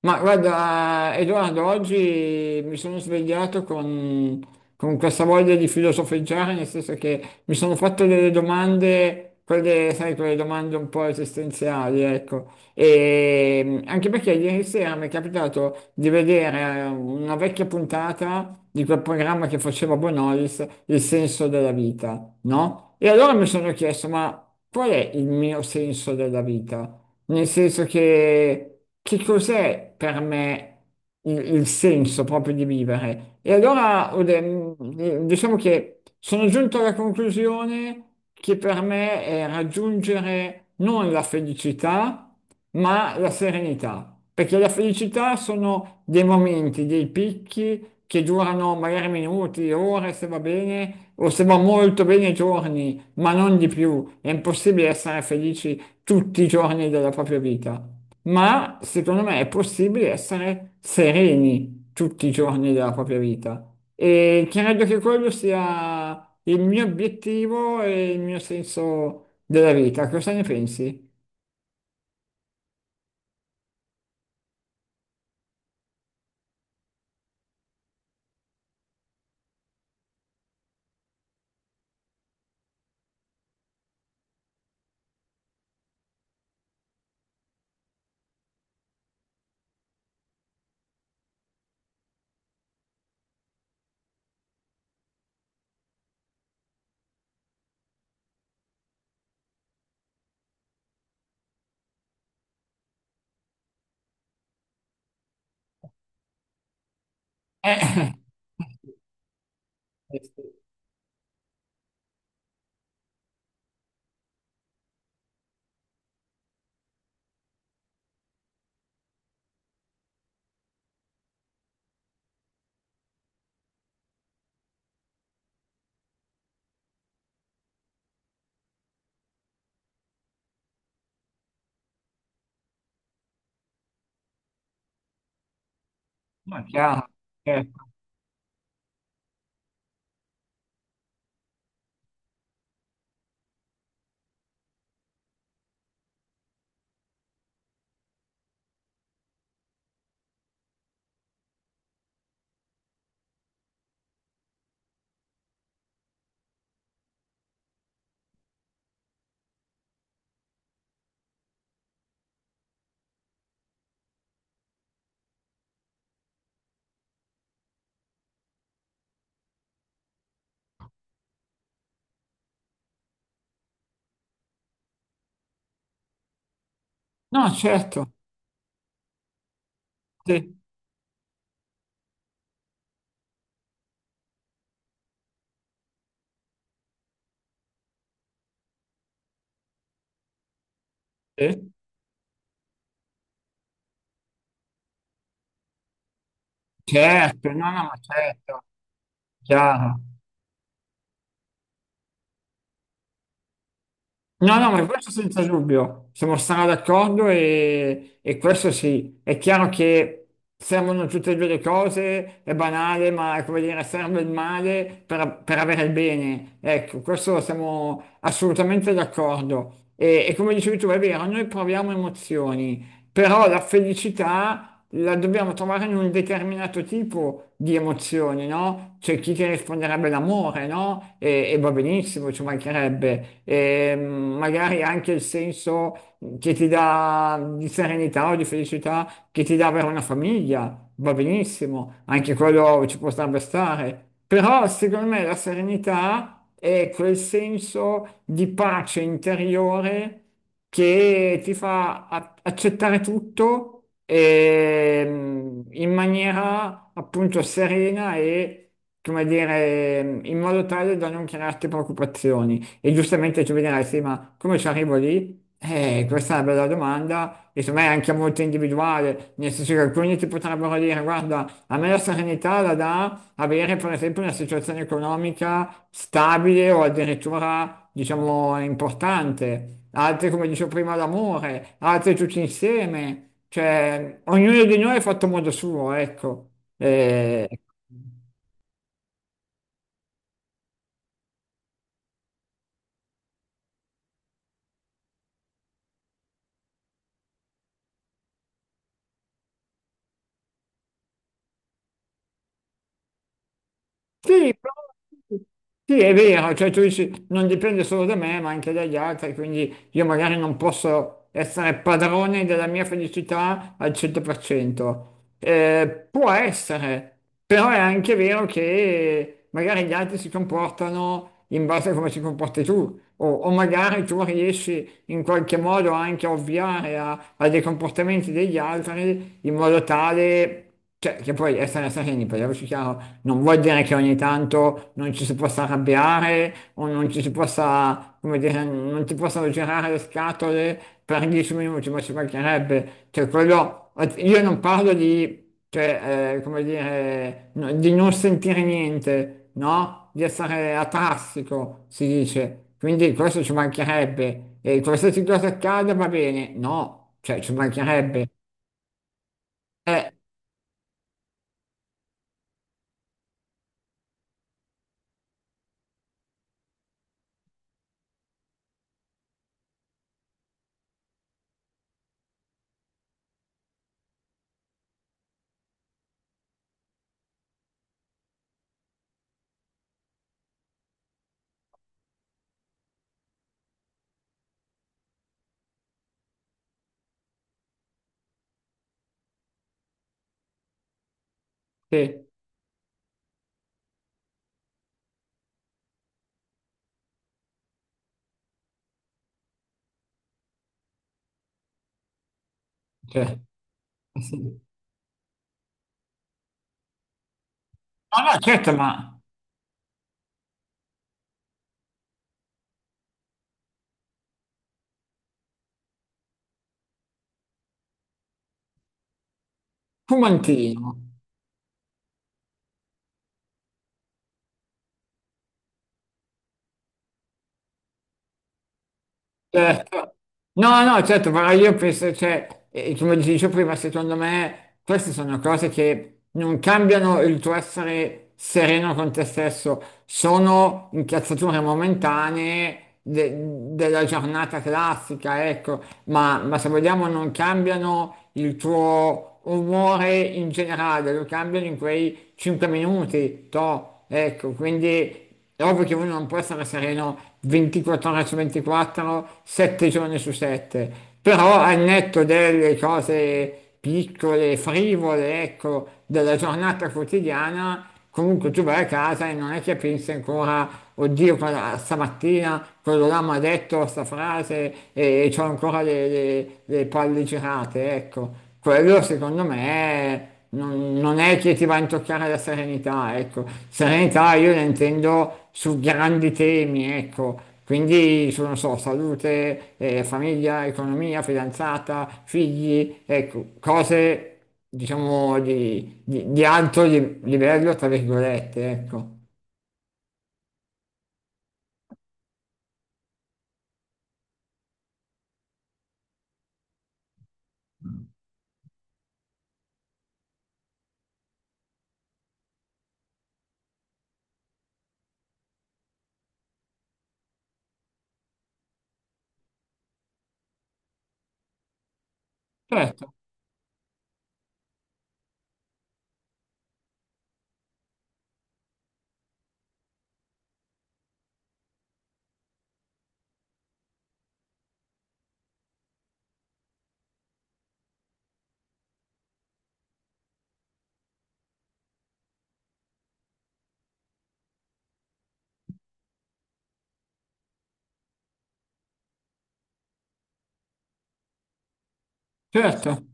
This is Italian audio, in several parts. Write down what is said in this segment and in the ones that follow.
Ma guarda, Edoardo, oggi mi sono svegliato con questa voglia di filosofeggiare, nel senso che mi sono fatto delle domande, quelle, sai, quelle domande un po' esistenziali, ecco. E anche perché ieri sera mi è capitato di vedere una vecchia puntata di quel programma che faceva Bonolis, Il senso della vita, no? E allora mi sono chiesto, ma qual è il mio senso della vita? Nel senso che cos'è per me il senso proprio di vivere? E allora diciamo che sono giunto alla conclusione che per me è raggiungere non la felicità, ma la serenità. Perché la felicità sono dei momenti, dei picchi che durano magari minuti, ore, se va bene, o se va molto bene giorni, ma non di più. È impossibile essere felici tutti i giorni della propria vita, ma secondo me è possibile essere sereni tutti i giorni della propria vita. E credo che quello sia il mio obiettivo e il mio senso della vita. Cosa ne pensi? Eh, sì. No, chiaro, certo. No, certo, sì, sì, certo, no, no, ma certo, chiaro. No, no, ma questo senza dubbio, siamo stati d'accordo e questo sì, è chiaro che servono tutte e due le cose, è banale, ma è come dire, serve il male per avere il bene. Ecco, questo siamo assolutamente d'accordo. E come dicevi tu, è vero, noi proviamo emozioni, però la felicità la dobbiamo trovare in un determinato tipo di emozioni, no? C'è chi ti risponderebbe l'amore, no? E va benissimo, ci mancherebbe. E magari anche il senso che ti dà di serenità o di felicità che ti dà avere una famiglia, va benissimo, anche quello ci potrebbe stare. Però secondo me la serenità è quel senso di pace interiore che ti fa accettare tutto in maniera appunto serena e, come dire, in modo tale da non crearti preoccupazioni. E giustamente tu mi dirai, sì, ma come ci arrivo lì? Questa è una bella domanda e secondo me anche molto individuale, nel senso che alcuni ti potrebbero dire, guarda, a me la serenità la dà avere per esempio una situazione economica stabile o addirittura, diciamo, importante, altri come dicevo prima l'amore, altri tutti insieme, cioè ognuno di noi è fatto a modo suo, ecco. Eh, Sì, sì, Sì, è vero, cioè tu dici non dipende solo da me, ma anche dagli altri, quindi io magari non posso essere padrone della mia felicità al 100%. Può essere, però è anche vero che magari gli altri si comportano in base a come si comporti tu, o magari tu riesci in qualche modo anche a ovviare a dei comportamenti degli altri in modo tale... Cioè, che poi essere sereni, parliamoci chiaro, non vuol dire che ogni tanto non ci si possa arrabbiare o non ci si possa, come dire, non ti possano girare le scatole per 10 minuti, ma ci mancherebbe. Cioè, quello, io non parlo di cioè, come dire, di non sentire niente, no? Di essere atassico, si dice. Quindi questo ci mancherebbe. E qualsiasi cosa accada va bene. No, cioè, ci mancherebbe. Eh, sì, cioè, sì. No, no, certo, ma fumantino. Cioè, no, no, certo, però io penso, cioè, come ti dicevo prima, secondo me queste sono cose che non cambiano il tuo essere sereno con te stesso, sono incazzature momentanee della giornata classica, ecco, ma se vogliamo non cambiano il tuo umore in generale, lo cambiano in quei 5 minuti, toh, ecco, quindi è ovvio che uno non può essere sereno 24 ore su 24, 7 giorni su 7, però al netto delle cose piccole, frivole, ecco, della giornata quotidiana, comunque tu vai a casa e non è che pensi ancora, oddio, stamattina quello là mi ha detto sta frase e, ho ancora le, le palle girate, ecco. Quello secondo me non è che ti va a intoccare la serenità, ecco. Serenità io la intendo su grandi temi, ecco. Quindi su, non so, salute, famiglia, economia, fidanzata, figli, ecco, cose, diciamo, di alto livello, tra virgolette, ecco. Certo, certo.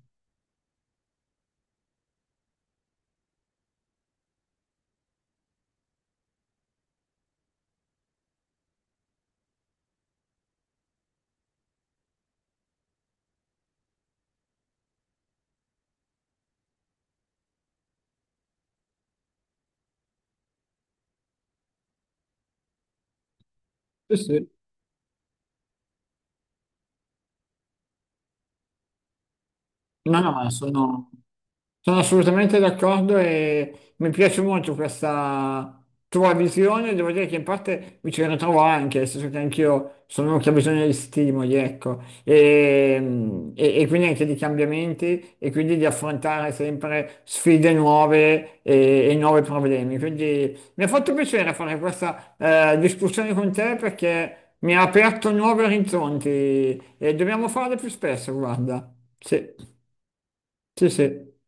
Sì, sì. No, no, ma sono assolutamente d'accordo e mi piace molto questa tua visione, devo dire che in parte mi ci ritrovo anche, nel senso che anch'io sono uno che ha bisogno di stimoli, ecco, e quindi anche di cambiamenti e quindi di affrontare sempre sfide nuove e nuovi problemi. Quindi mi ha fatto piacere fare questa discussione con te perché mi ha aperto nuovi orizzonti e dobbiamo farle più spesso, guarda. Sì, sì, sì.